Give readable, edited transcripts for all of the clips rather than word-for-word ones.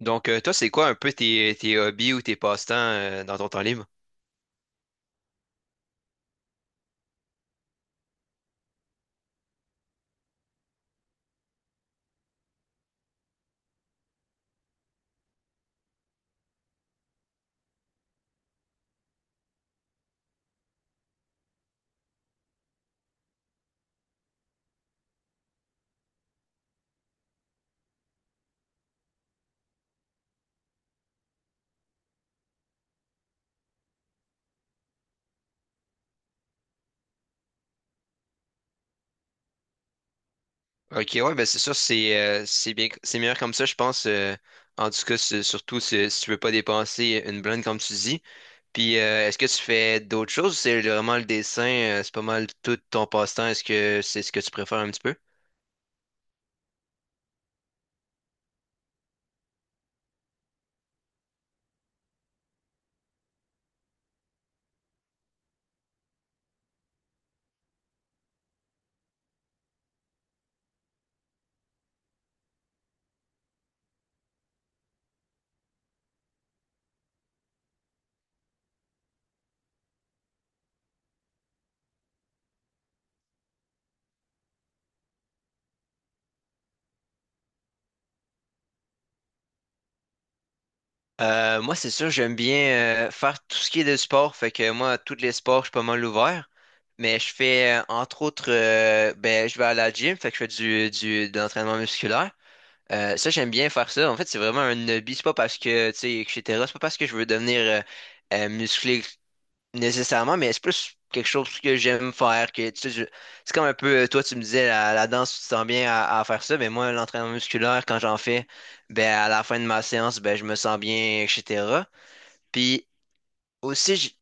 Donc, toi, c'est quoi un peu tes hobbies ou tes passe-temps dans ton temps libre? Ok, ouais, ben c'est sûr, c'est bien, c'est meilleur comme ça, je pense. En tout cas, surtout si tu veux pas dépenser une blinde, comme tu dis. Puis, est-ce que tu fais d'autres choses? C'est vraiment le dessin, c'est pas mal tout ton passe-temps. Est-ce que c'est ce que tu préfères un petit peu? Moi, c'est sûr, j'aime bien faire tout ce qui est de sport. Fait que moi, tous les sports, je suis pas mal ouvert. Mais je fais, entre autres, ben, je vais à la gym, fait que je fais de l'entraînement musculaire. Ça, j'aime bien faire ça. En fait, c'est vraiment un hobby. C'est pas parce que, tu sais, etc. C'est pas parce que je veux devenir musclé nécessairement, mais c'est plus quelque chose que j'aime faire. Que, tu sais, c'est comme un peu, toi, tu me disais, la danse, tu te sens bien à faire ça. Mais moi, l'entraînement musculaire, quand j'en fais, ben, à la fin de ma séance, ben, je me sens bien, etc. Puis aussi, j'-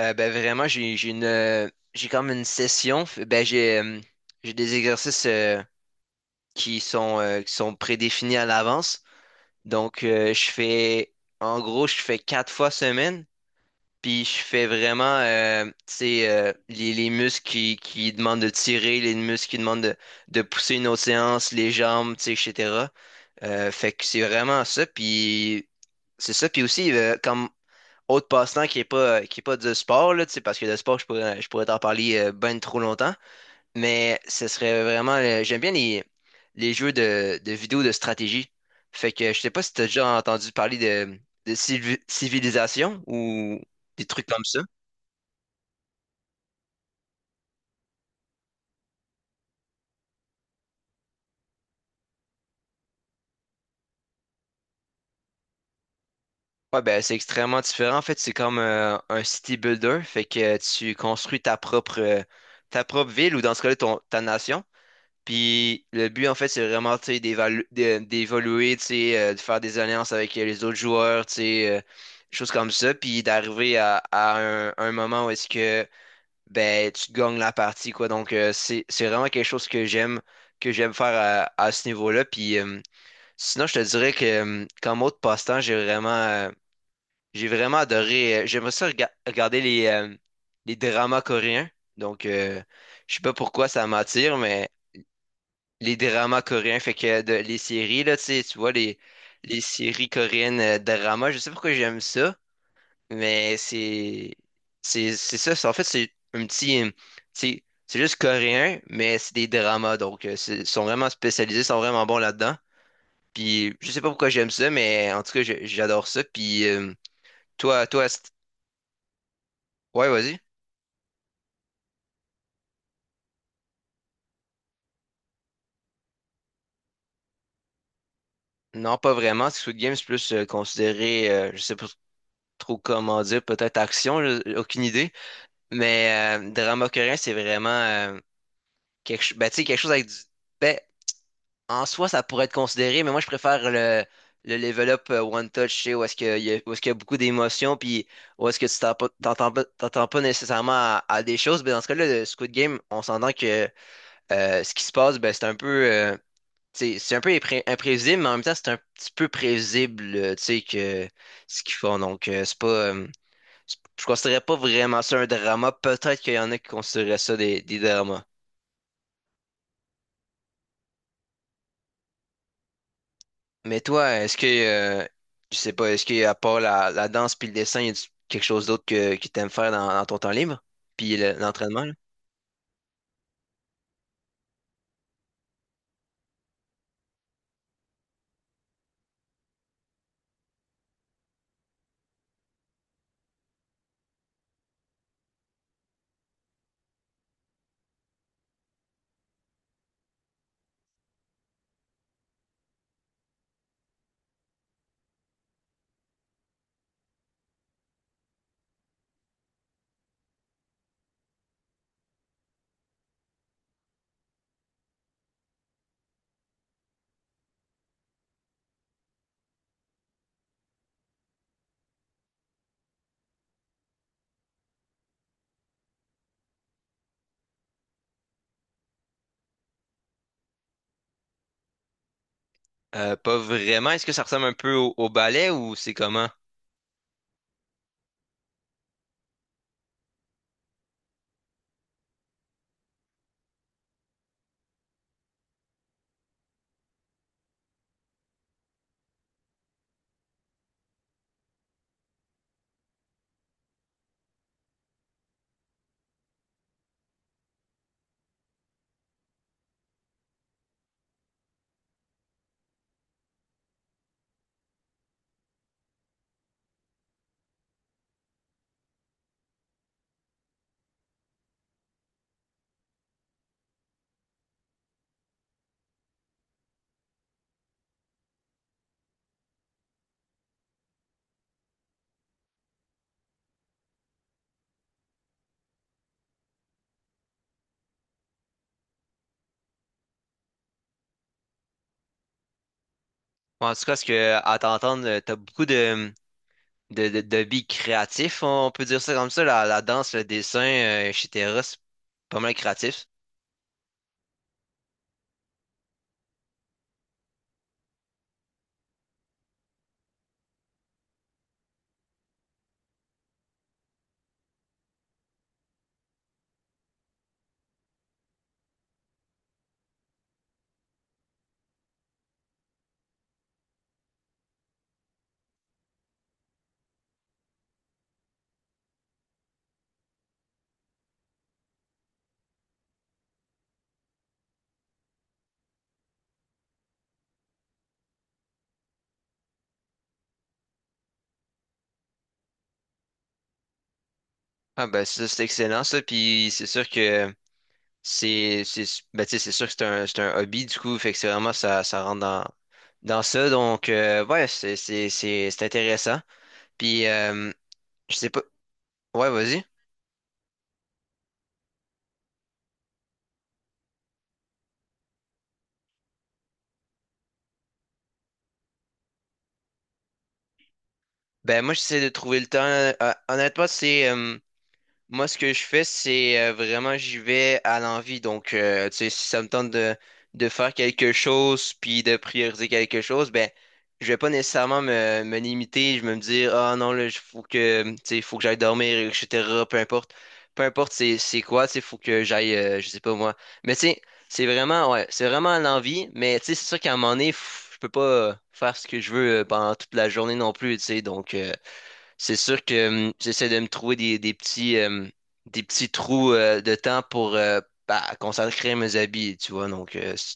euh, ben, vraiment, j'ai comme une session. Ben, j'ai des exercices qui sont prédéfinis à l'avance. Donc, je fais, en gros, je fais quatre fois semaine, puis je fais vraiment, tu sais, les muscles qui, demandent de tirer, les muscles qui demandent de pousser une autre séance, les jambes, tu sais, etc. Fait que c'est vraiment ça, puis c'est ça, puis aussi, comme autre passe-temps qui est pas, du sport, là, tu sais, parce que le sport, je pourrais t'en parler ben trop longtemps, mais ce serait vraiment. J'aime bien les jeux de vidéos de stratégie. Fait que je sais pas si t'as déjà entendu parler de civilisation ou des trucs comme ça. Ouais, ben c'est extrêmement différent. En fait, c'est comme un city builder. Fait que tu construis ta propre ville ou dans ce cas-là, ton, ta nation. Puis le but, en fait, c'est vraiment, tu sais, d'évoluer, tu sais, de faire des alliances avec les autres joueurs, tu sais, choses comme ça, puis d'arriver à un, moment où est-ce que, ben, tu gagnes la partie, quoi. Donc, c'est vraiment quelque chose que j'aime faire à ce niveau-là. Puis sinon, je te dirais que, comme autre passe-temps, j'ai vraiment adoré, j'aimerais ça regarder les dramas coréens. Donc, je sais pas pourquoi ça m'attire, mais les dramas coréens, fait que les séries, là, tu sais, tu vois, les, séries coréennes dramas, je sais pas pourquoi j'aime ça, mais c'est ça, en fait, c'est juste coréen, mais c'est des dramas, donc ils sont vraiment spécialisés, ils sont vraiment bons là-dedans, puis je sais pas pourquoi j'aime ça, mais en tout cas, j'adore ça, puis toi, toi, ouais, vas-y. Non, pas vraiment, Squid Game, c'est plus considéré, je sais pas trop comment dire, peut-être action, aucune idée. Mais drama coréen, c'est vraiment ben, tu sais, quelque chose avec du. Ben, en soi, ça pourrait être considéré, mais moi, je préfère le level up One Touch, tu sais, où est-ce qu'il y a, où est-ce qu'il y a beaucoup d'émotions, puis où est-ce que tu t'entends pas nécessairement à des choses. Ben, dans ce cas-là, le Squid Game, on s'entend que ce qui se passe, ben, c'est un peu, tu sais, c'est un peu imprévisible, mais en même temps, c'est un petit peu prévisible, tu sais, que ce qu'ils font. Donc, c'est pas. Je considérais pas vraiment ça un drama. Peut-être qu'il y en a qui considéraient ça des dramas. Mais toi, est-ce que, je sais pas, est-ce qu'à part la danse puis le dessin, y a quelque chose d'autre que t'aimes faire dans ton temps libre? Puis l'entraînement, là? Pas vraiment. Est-ce que ça ressemble un peu au ballet ou c'est comment? Bon, en tout cas, est-ce que, à t'entendre, t'as beaucoup de billes créatifs, on peut dire ça comme ça, la danse, le dessin, etc. C'est pas mal créatif. Ah ben ça, c'est excellent ça, puis c'est sûr que c'est ben, tu sais, c'est sûr que c'est un hobby, du coup, fait que c'est vraiment ça, ça rentre dans ça. Donc, ouais, c'est intéressant. Puis, je sais pas. Ouais, vas-y. Ben, moi, j'essaie de trouver le temps. Honnêtement, c'est. Moi, ce que je fais, c'est vraiment, j'y vais à l'envie. Donc, tu sais, si ça me tente de faire quelque chose, puis de prioriser quelque chose, ben, je vais pas nécessairement me limiter. Je vais me dire, ah non, là, il faut que, tu sais, faut que j'aille dormir, etc. Peu importe. Peu importe c'est quoi, tu sais, faut que j'aille, je sais pas moi. Mais tu sais, c'est vraiment, ouais, c'est vraiment à l'envie. Mais tu sais, c'est sûr qu'à un moment donné, je peux pas faire ce que je veux pendant toute la journée non plus, tu sais. Donc, c'est sûr que j'essaie de me trouver des petits trous de temps pour bah, consacrer mes habits, tu vois. Donc,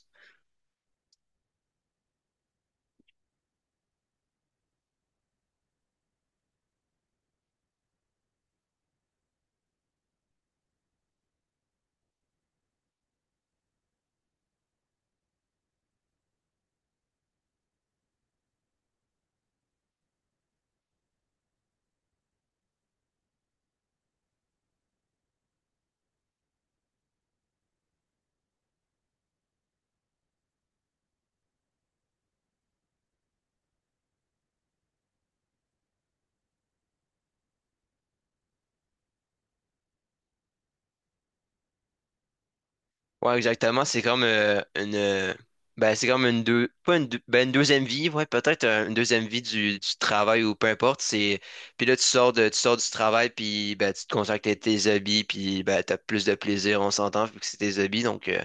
ouais, exactement. C'est comme une. Ben, c'est comme une deux. Pas une, ben, une deuxième vie, ouais, peut-être une deuxième vie du travail ou peu importe. C'est, puis là, tu sors du travail, puis ben, tu te consacres à tes habits, puis ben, t'as plus de plaisir, on s'entend, vu que c'est tes habits. Donc,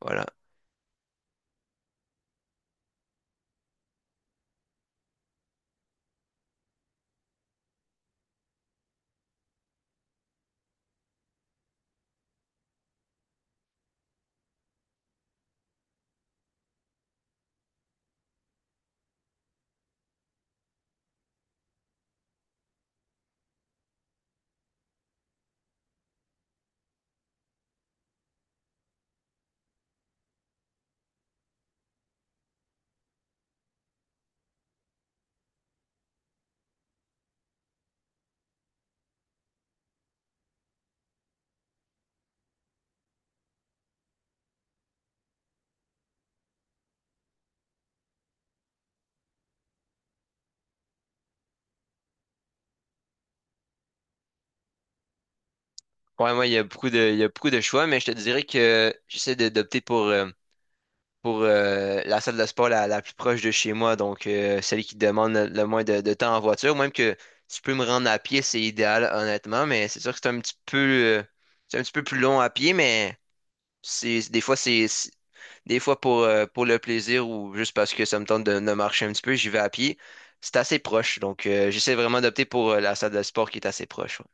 voilà. Ouais, moi, il y a beaucoup de, il y a beaucoup de choix, mais je te dirais que j'essaie d'opter pour la, salle de sport la plus proche de chez moi, donc celle qui demande le moins de temps en voiture. Même que tu peux me rendre à pied, c'est idéal, honnêtement, mais c'est sûr que c'est un petit peu plus long à pied, mais c'est, des fois, des fois pour le plaisir ou juste parce que ça me tente de marcher un petit peu, j'y vais à pied. C'est assez proche, donc j'essaie vraiment d'opter pour la salle de sport qui est assez proche. Ouais.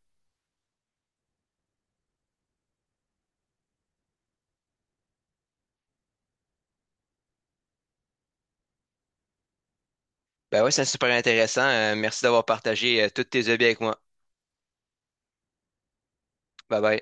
Ben ouais, c'est super intéressant. Merci d'avoir partagé tous tes hobbies avec moi. Bye bye.